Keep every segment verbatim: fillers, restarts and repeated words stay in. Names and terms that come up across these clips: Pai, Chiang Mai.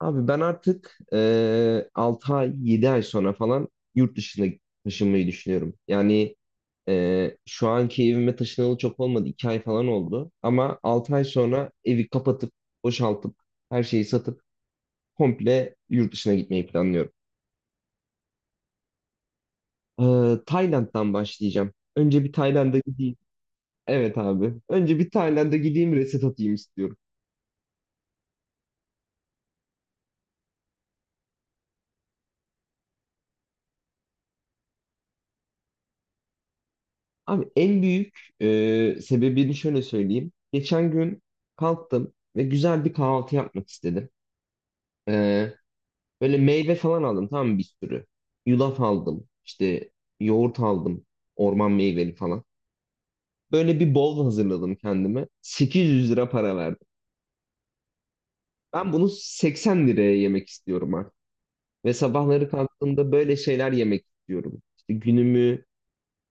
Abi ben artık eee altı ay yedi ay sonra falan yurt dışına taşınmayı düşünüyorum. Yani eee, şu anki evime taşınalı çok olmadı, iki ay falan oldu. Ama altı ay sonra evi kapatıp boşaltıp her şeyi satıp komple yurt dışına gitmeyi planlıyorum. Eee, Tayland'dan başlayacağım. Önce bir Tayland'a gideyim. Evet abi. Önce bir Tayland'a gideyim, reset atayım istiyorum. Abi en büyük e, sebebini şöyle söyleyeyim. Geçen gün kalktım ve güzel bir kahvaltı yapmak istedim. E, Böyle meyve falan aldım, tamam mı, bir sürü. Yulaf aldım, işte yoğurt aldım, orman meyveli falan. Böyle bir bol hazırladım kendime. sekiz yüz lira para verdim. Ben bunu seksen liraya yemek istiyorum artık. Ve sabahları kalktığımda böyle şeyler yemek istiyorum. İşte günümü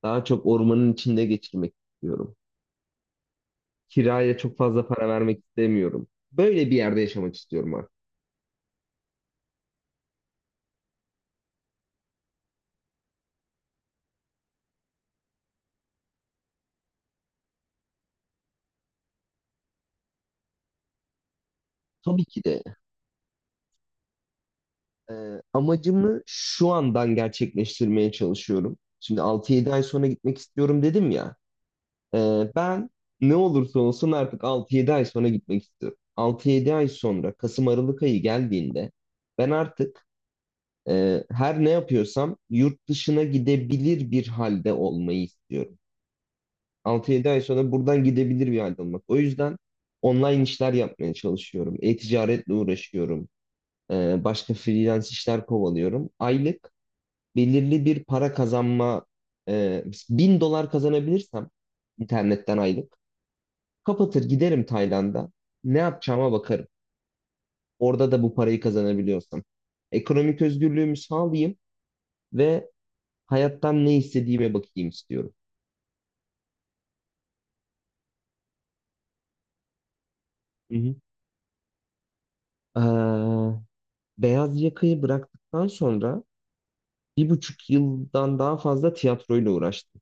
daha çok ormanın içinde geçirmek istiyorum. Kiraya çok fazla para vermek istemiyorum. Böyle bir yerde yaşamak istiyorum artık. Tabii ki de e, amacımı şu andan gerçekleştirmeye çalışıyorum. Şimdi altı yedi ay sonra gitmek istiyorum dedim ya. E, ben ne olursa olsun artık altı yedi ay sonra gitmek istiyorum. Altı yedi ay sonra Kasım Aralık ayı geldiğinde ben artık e, her ne yapıyorsam yurt dışına gidebilir bir halde olmayı istiyorum. Altı yedi ay sonra buradan gidebilir bir halde olmak. O yüzden online işler yapmaya çalışıyorum. E-ticaretle uğraşıyorum. Ee, başka freelance işler kovalıyorum. Aylık belirli bir para kazanma, e, bin dolar kazanabilirsem internetten aylık kapatır giderim Tayland'a. Ne yapacağıma bakarım. Orada da bu parayı kazanabiliyorsam. Ekonomik özgürlüğümü sağlayayım ve hayattan ne istediğime bakayım istiyorum. Hı hı. Ee, Beyaz yakayı bıraktıktan sonra bir buçuk yıldan daha fazla tiyatroyla uğraştım.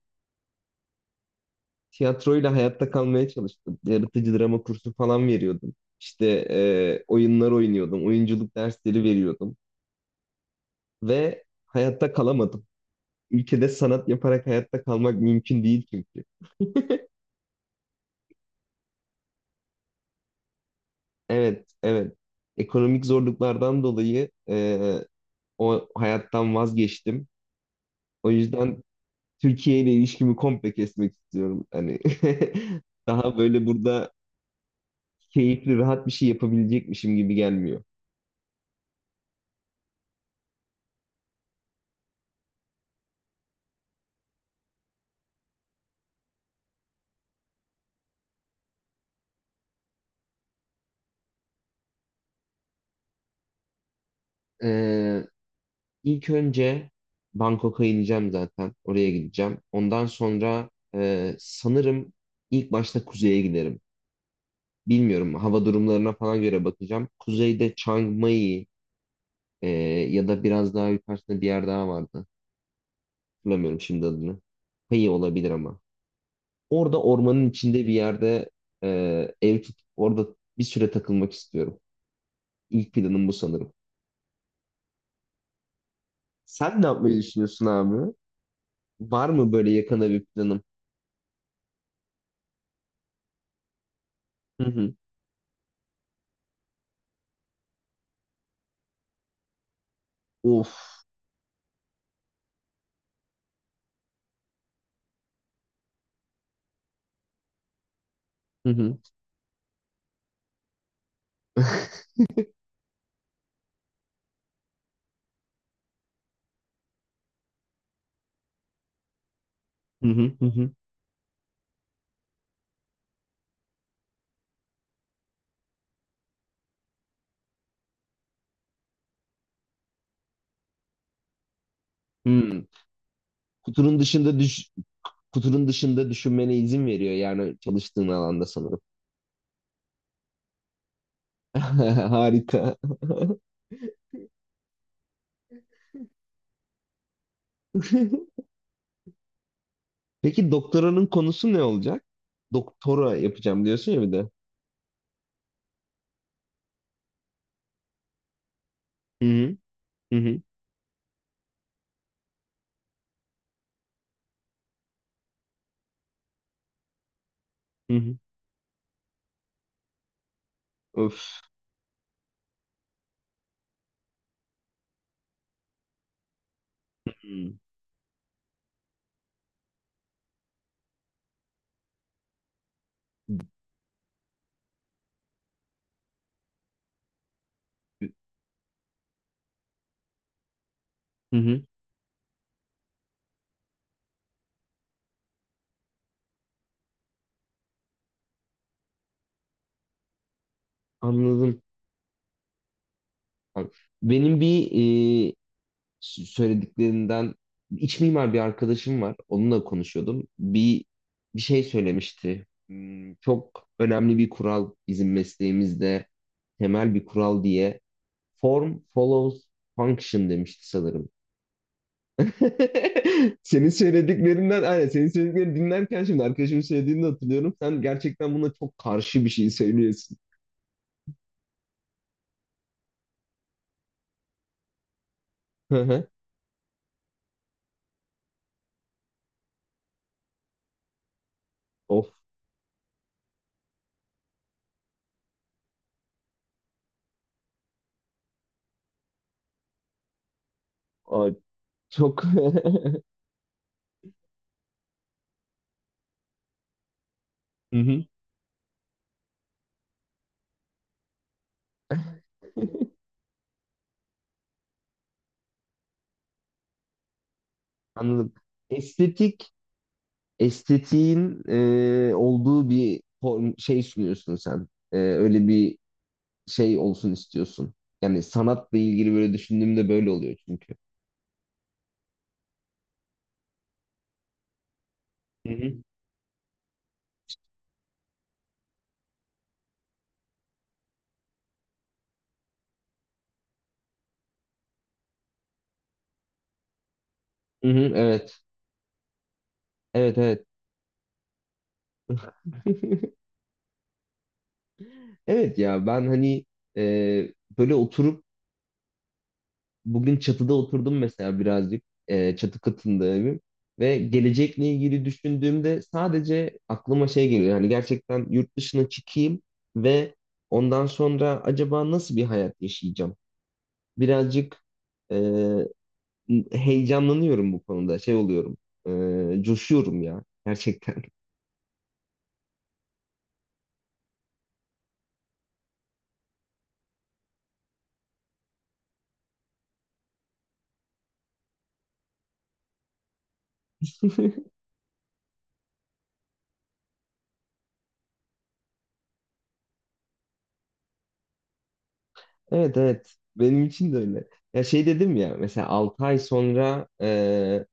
Tiyatroyla hayatta kalmaya çalıştım. Yaratıcı drama kursu falan veriyordum. İşte e, oyunlar oynuyordum. Oyunculuk dersleri veriyordum. Ve hayatta kalamadım. Ülkede sanat yaparak hayatta kalmak mümkün değil çünkü. Evet, evet. Ekonomik zorluklardan dolayı e, o hayattan vazgeçtim. O yüzden Türkiye ile ilişkimi komple kesmek istiyorum. Hani daha böyle burada keyifli, rahat bir şey yapabilecekmişim gibi gelmiyor. Ee, ilk önce Bangkok'a ineceğim zaten. Oraya gideceğim. Ondan sonra e, sanırım ilk başta kuzeye giderim. Bilmiyorum, hava durumlarına falan göre bakacağım. Kuzeyde Chiang Mai, e, ya da biraz daha yukarısında bir yer daha vardı. Hatırlamıyorum şimdi adını. Pai olabilir ama. Orada ormanın içinde bir yerde e, ev tutup orada bir süre takılmak istiyorum. İlk planım bu sanırım. Sen ne yapmayı düşünüyorsun abi? Var mı böyle yakında bir planım? Hı hı. Of. Hı hı. Hı hı hı hı. Hmm. Kutunun dışında düş kutunun dışında düşünmene izin veriyor yani çalıştığın alanda sanırım. Harika. Peki doktoranın konusu ne olacak? Doktora yapacağım diyorsun ya bir de. Hı hı hı hı. Hı hı. Öf. Hı hı. Anladım. Bak, benim bir s- söylediklerinden iç mimar bir arkadaşım var. Onunla konuşuyordum. Bir bir şey söylemişti. Hmm, çok önemli bir kural bizim mesleğimizde, temel bir kural diye, form follows function demişti sanırım. Senin söylediklerinden, aynen, senin söylediklerini dinlerken şimdi arkadaşımın söylediğini de hatırlıyorum. Sen gerçekten buna çok karşı bir şey söylüyorsun. Hı hı. Of, ay, çok. Hı hı. Anladım. Estetik estetiğin e, olduğu bir form, şey sunuyorsun sen. E, öyle bir şey olsun istiyorsun. Yani sanatla ilgili böyle düşündüğümde böyle oluyor çünkü. Hı hı. Hı hı, evet. Evet evet. Evet ya ben hani e, böyle oturup bugün çatıda oturdum mesela, birazcık e, çatı katında evim, ve gelecekle ilgili düşündüğümde sadece aklıma şey geliyor, yani gerçekten yurt dışına çıkayım ve ondan sonra acaba nasıl bir hayat yaşayacağım? Birazcık e, heyecanlanıyorum bu konuda, şey oluyorum, e, coşuyorum ya gerçekten. Evet evet benim için de öyle. Ya şey dedim ya, mesela altı ay sonra e,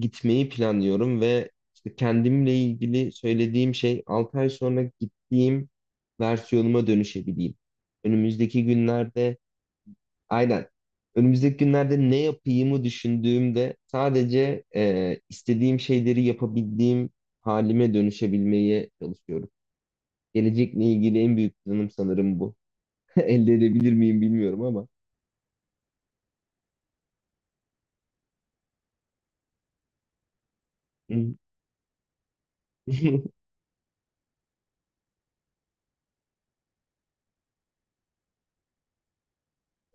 gitmeyi planlıyorum ve işte kendimle ilgili söylediğim şey altı ay sonra gittiğim versiyonuma dönüşebileyim. Önümüzdeki günlerde aynen önümüzdeki günlerde ne yapayımı düşündüğümde sadece e, istediğim şeyleri yapabildiğim halime dönüşebilmeye çalışıyorum. Gelecekle ilgili en büyük planım sanırım bu. Elde edebilir miyim bilmiyorum ama.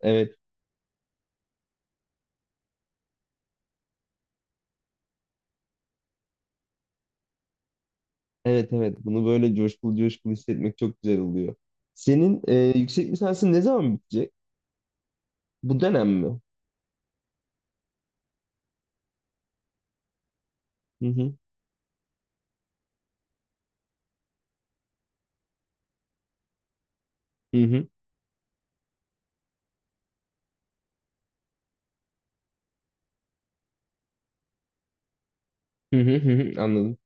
Evet. Evet evet bunu böyle coşkulu coşkulu hissetmek çok güzel oluyor. Senin e, yüksek lisansın ne zaman bitecek? Bu dönem mi? Hı hı hı hı hı hı hı hı. Anladım,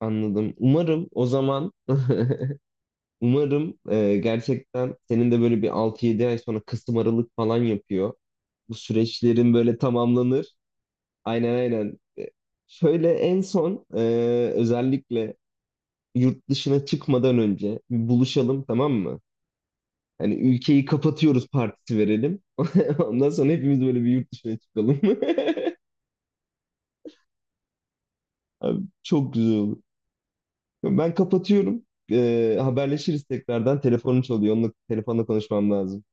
anladım. Umarım o zaman umarım e, gerçekten senin de böyle bir altı yedi ay sonra Kasım Aralık falan yapıyor. Bu süreçlerin böyle tamamlanır. Aynen aynen. E, Şöyle en son e, özellikle yurt dışına çıkmadan önce buluşalım tamam mı? Hani ülkeyi kapatıyoruz partisi verelim. Ondan sonra hepimiz böyle bir yurt dışına çıkalım. Abi, çok güzel olur. Ben kapatıyorum. Ee, haberleşiriz tekrardan. Telefonum çalıyor. Onunla telefonla konuşmam lazım.